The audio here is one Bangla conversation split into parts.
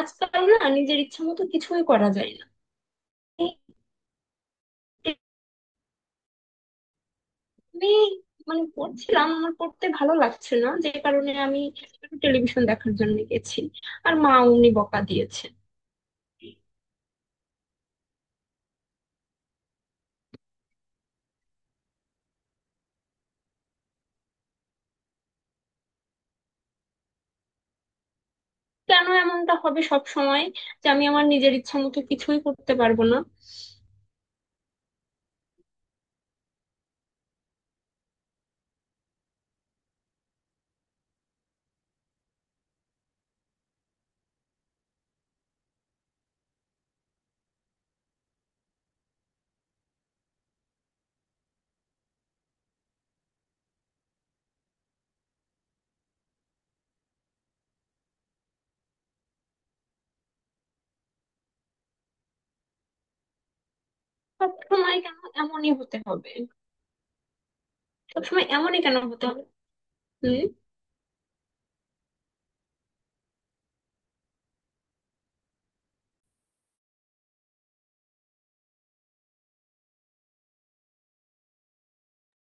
আজকাল না নিজের ইচ্ছা মতো কিছুই করা যায় না। এই আমি মানে পড়ছিলাম, আমার পড়তে ভালো লাগছে না, যে কারণে আমি টেলিভিশন দেখার জন্য গেছি। আর মা, উনি বকা দিয়েছে। কেন এমনটা হবে সব সময়, যে আমি আমার নিজের ইচ্ছা মতো কিছুই করতে পারবো না? সব সময় কেন এমনই হতে হবে? সব সময় এমনই কেন হতে হবে?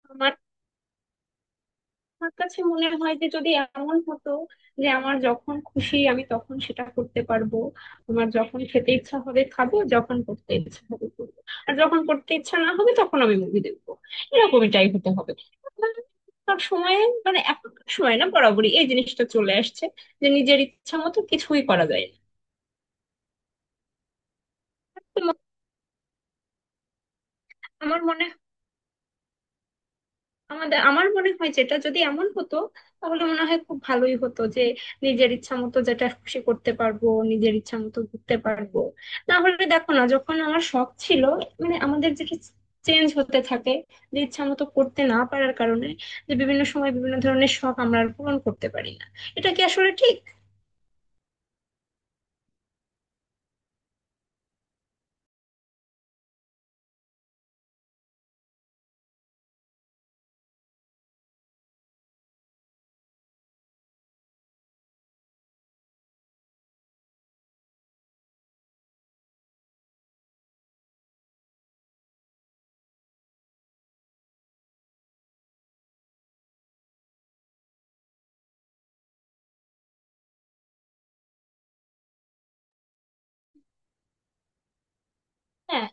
হম। আমার কাছে মনে হয় যে যদি এমন হতো যে আমার যখন খুশি আমি তখন সেটা করতে পারবো, আমার যখন খেতে ইচ্ছা হবে খাবো, যখন করতে ইচ্ছা হবে করবো, আর যখন করতে ইচ্ছা না হবে তখন আমি মুভি দেখবো। এরকমটাই হতে হবে সব সময়। মানে এখনকার সময় না, বরাবরই এই জিনিসটা চলে আসছে যে নিজের ইচ্ছা মতো কিছুই করা যায় না। তো আমার মনে আমার মনে হয়, যেটা যদি এমন হতো তাহলে মনে হয় খুব ভালোই হতো, যে নিজের ইচ্ছা মতো যেটা খুশি করতে পারবো, নিজের ইচ্ছা মতো ঘুরতে পারবো। না হলে দেখো না, যখন আমার শখ ছিল, মানে আমাদের যেটা চেঞ্জ হতে থাকে, যে ইচ্ছা মতো করতে না পারার কারণে, যে বিভিন্ন সময় বিভিন্ন ধরনের শখ আমরা আর পূরণ করতে পারি না, এটা কি আসলে ঠিক? হ্যাঁ,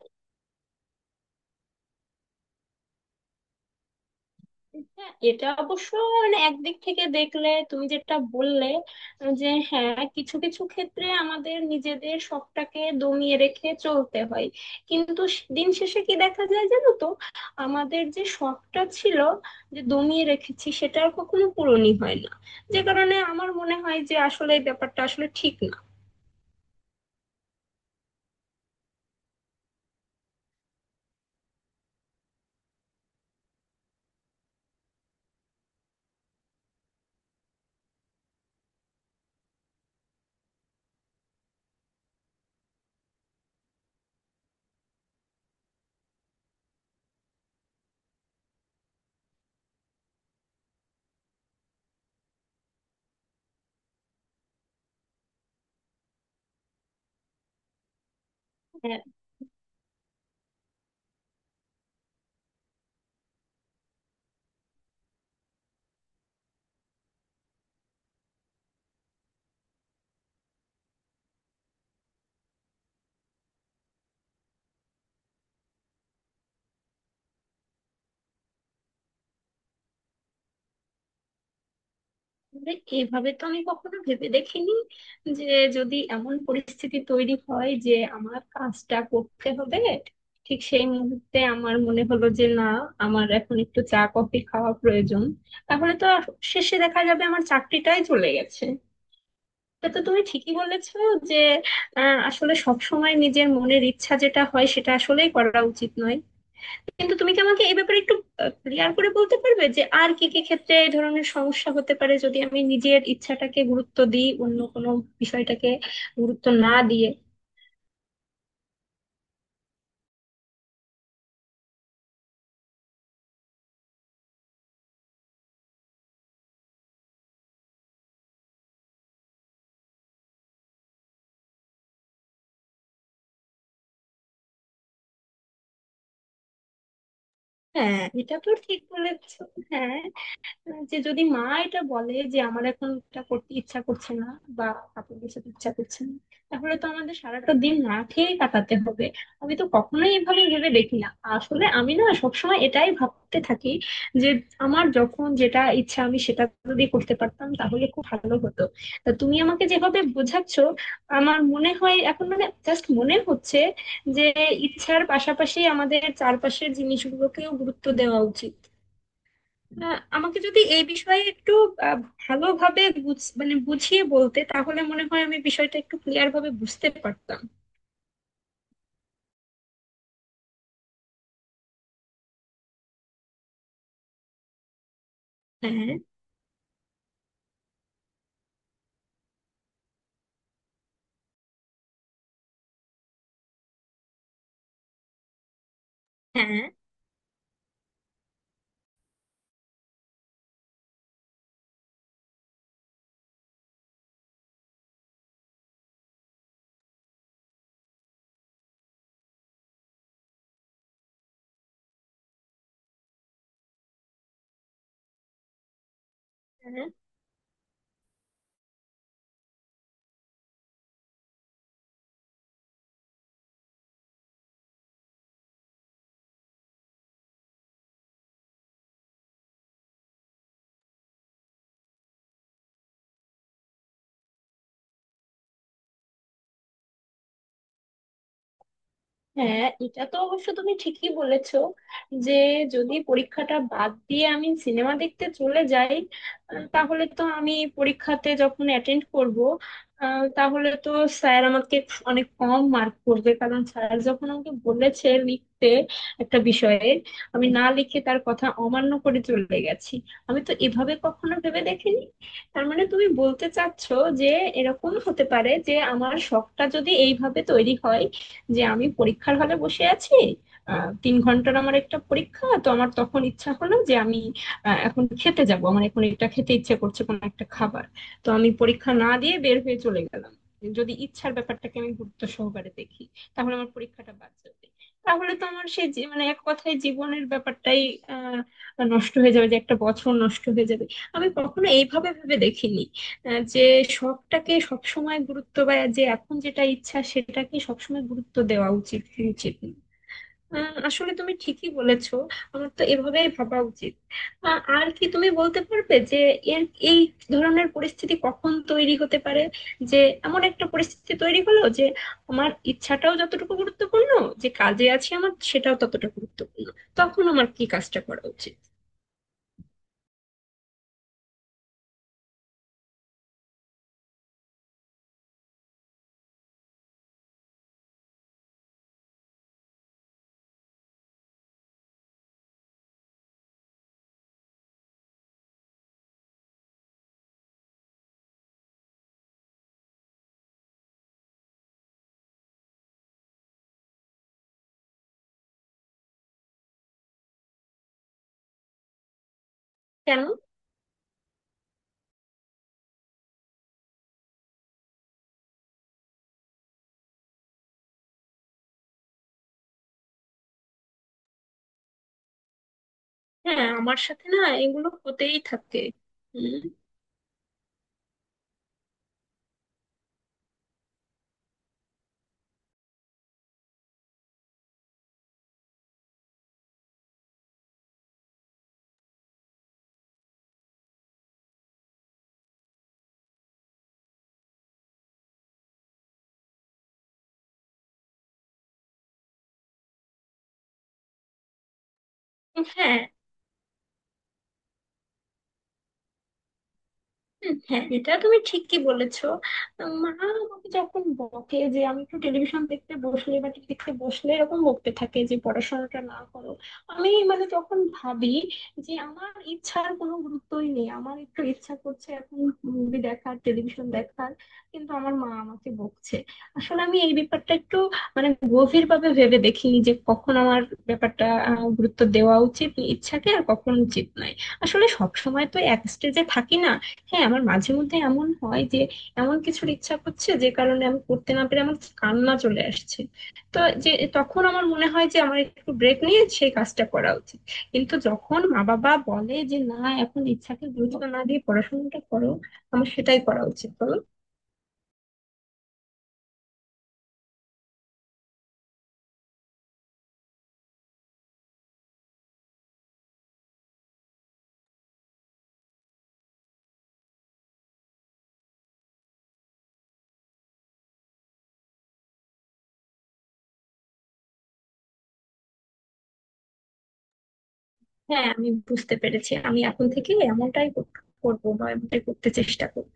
হ্যাঁ, এটা অবশ্য, মানে একদিক থেকে দেখলে তুমি যেটা বললে, যে হ্যাঁ কিছু কিছু ক্ষেত্রে আমাদের নিজেদের শখটাকে দমিয়ে রেখে চলতে হয়। কিন্তু দিন শেষে কি দেখা যায় জানো তো, আমাদের যে শখটা ছিল, যে দমিয়ে রেখেছি, সেটা আর কখনো পূরণই হয় না, যে কারণে আমার মনে হয় যে আসলে এই ব্যাপারটা আসলে ঠিক না। আসলে এভাবে তো আমি কখনো ভেবে দেখিনি, যে যদি এমন পরিস্থিতি তৈরি হয় যে আমার কাজটা করতে হবে, ঠিক সেই মুহূর্তে আমার মনে হলো যে না, আমার এখন একটু চা কফি খাওয়া প্রয়োজন, তাহলে তো আর শেষে দেখা যাবে আমার চাকরিটাই চলে গেছে। এটা তো তুমি ঠিকই বলেছো, যে আসলে সব সময় নিজের মনের ইচ্ছা যেটা হয় সেটা আসলেই করা উচিত নয়। কিন্তু তুমি কি আমাকে এই ব্যাপারে একটু ক্লিয়ার করে বলতে পারবে, যে আর কি কি ক্ষেত্রে এই ধরনের সমস্যা হতে পারে, যদি আমি নিজের ইচ্ছাটাকে গুরুত্ব দিই, অন্য কোনো বিষয়টাকে গুরুত্ব না দিয়ে? হ্যাঁ, এটা তো ঠিক বলেছো। হ্যাঁ, যে যদি মা এটা বলে যে আমার এখন এটা করতে ইচ্ছা করছে না, বা কাপড় গোছাতে ইচ্ছা করছে না, তাহলে তো আমাদের সারাটা দিন না খেয়ে কাটাতে হবে। আমি তো কখনোই এভাবে ভেবে দেখি না। আসলে আমি না সবসময় এটাই ভাবতে থাকি, যে আমার যখন যেটা ইচ্ছা আমি সেটা যদি করতে পারতাম তাহলে খুব ভালো হতো। তা তুমি আমাকে যেভাবে বোঝাচ্ছ, আমার মনে হয় এখন, মানে জাস্ট মনে হচ্ছে যে ইচ্ছার পাশাপাশি আমাদের চারপাশের জিনিসগুলোকেও গুরুত্ব দেওয়া উচিত। আমাকে যদি এই বিষয়ে একটু আহ, ভালোভাবে মানে বুঝিয়ে বলতে, তাহলে মনে হয় আমি বিষয়টা একটু ক্লিয়ার ভাবে বুঝতে পারতাম। হ্যাঁ, হ্যাঁ, হ্যাঁ, এটা তো অবশ্য তুমি ঠিকই বলেছো, যে যদি পরীক্ষাটা বাদ দিয়ে আমি সিনেমা দেখতে চলে যাই, তাহলে তো আমি পরীক্ষাতে যখন অ্যাটেন্ড করব, তাহলে তো স্যার আমাকে অনেক কম মার্ক করবে, কারণ স্যার যখন আমাকে বলেছে লিখতে একটা বিষয়ে, আমি না লিখে তার কথা অমান্য করে চলে গেছি। আমি তো এভাবে কখনো ভেবে দেখিনি। তার মানে তুমি বলতে চাচ্ছো, যে এরকম হতে পারে যে আমার শখটা যদি এইভাবে তৈরি হয়, যে আমি পরীক্ষার হলে বসে আছি, 3 ঘন্টার আমার একটা পরীক্ষা, তো আমার তখন ইচ্ছা হলো যে আমি এখন খেতে যাব, আমার এখন এটা খেতে ইচ্ছে করছে, কোনো একটা খাবার, তো আমি পরীক্ষা না দিয়ে বের হয়ে চলে গেলাম, যদি ইচ্ছার ব্যাপারটাকে আমি গুরুত্ব সহকারে দেখি, তাহলে আমার পরীক্ষাটা বাদ যাবে। তাহলে তো আমার সেই মানে এক কথায় জীবনের ব্যাপারটাই আহ নষ্ট হয়ে যাবে, যে একটা বছর নষ্ট হয়ে যাবে। আমি কখনো এইভাবে ভেবে দেখিনি, যে শখটাকে সবসময় গুরুত্ব, বা যে এখন যেটা ইচ্ছা সেটাকে সবসময় গুরুত্ব দেওয়া উচিত, উচিত না। আসলে তুমি ঠিকই বলেছো, আমার তো এভাবেই ভাবা উচিত। আর কি তুমি বলতে পারবে, যে এর এই ধরনের পরিস্থিতি কখন তৈরি হতে পারে, যে এমন একটা পরিস্থিতি তৈরি হলো যে আমার ইচ্ছাটাও যতটুকু গুরুত্বপূর্ণ, যে কাজে আছি আমার সেটাও ততটা গুরুত্বপূর্ণ, তখন আমার কি কাজটা করা উচিত? কেন? হ্যাঁ, আমার সাথে না এগুলো হতেই থাকে। উম, হ্যাঁ। হুম, হ্যাঁ, এটা তুমি ঠিকই বলেছো। মা আমাকে যখন বকে, যে আমি একটু টেলিভিশন দেখতে বসলে বা টিভি দেখতে বসলে, এরকম বকতে থাকে যে পড়াশোনাটা না করো, আমি মানে তখন ভাবি যে আমার ইচ্ছার কোনো গুরুত্বই নেই, আমার একটু ইচ্ছা করছে এখন মুভি দেখার, টেলিভিশন দেখার, কিন্তু আমার মা আমাকে বকছে। আসলে আমি এই ব্যাপারটা একটু মানে গভীর ভাবে ভেবে দেখিনি, যে কখন আমার ব্যাপারটা গুরুত্ব দেওয়া উচিত ইচ্ছাকে, আর কখন উচিত নয়। আসলে সব সময় তো এক স্টেজে থাকি না। হ্যাঁ, আমার মাঝে মধ্যে এমন হয় যে এমন কিছুর ইচ্ছা করছে, যে কারণে আমি করতে না পেরে আমার কান্না চলে আসছে, তো যে তখন আমার মনে হয় যে আমার একটু ব্রেক নিয়ে সেই কাজটা করা উচিত। কিন্তু যখন মা বাবা বলে যে না, এখন ইচ্ছাকে গুরুত্ব না দিয়ে পড়াশোনাটা করো, আমার সেটাই করা উচিত, বলো? হ্যাঁ, আমি বুঝতে পেরেছি, আমি এখন থেকে এমনটাই করব, বা এমনটাই করতে চেষ্টা করব।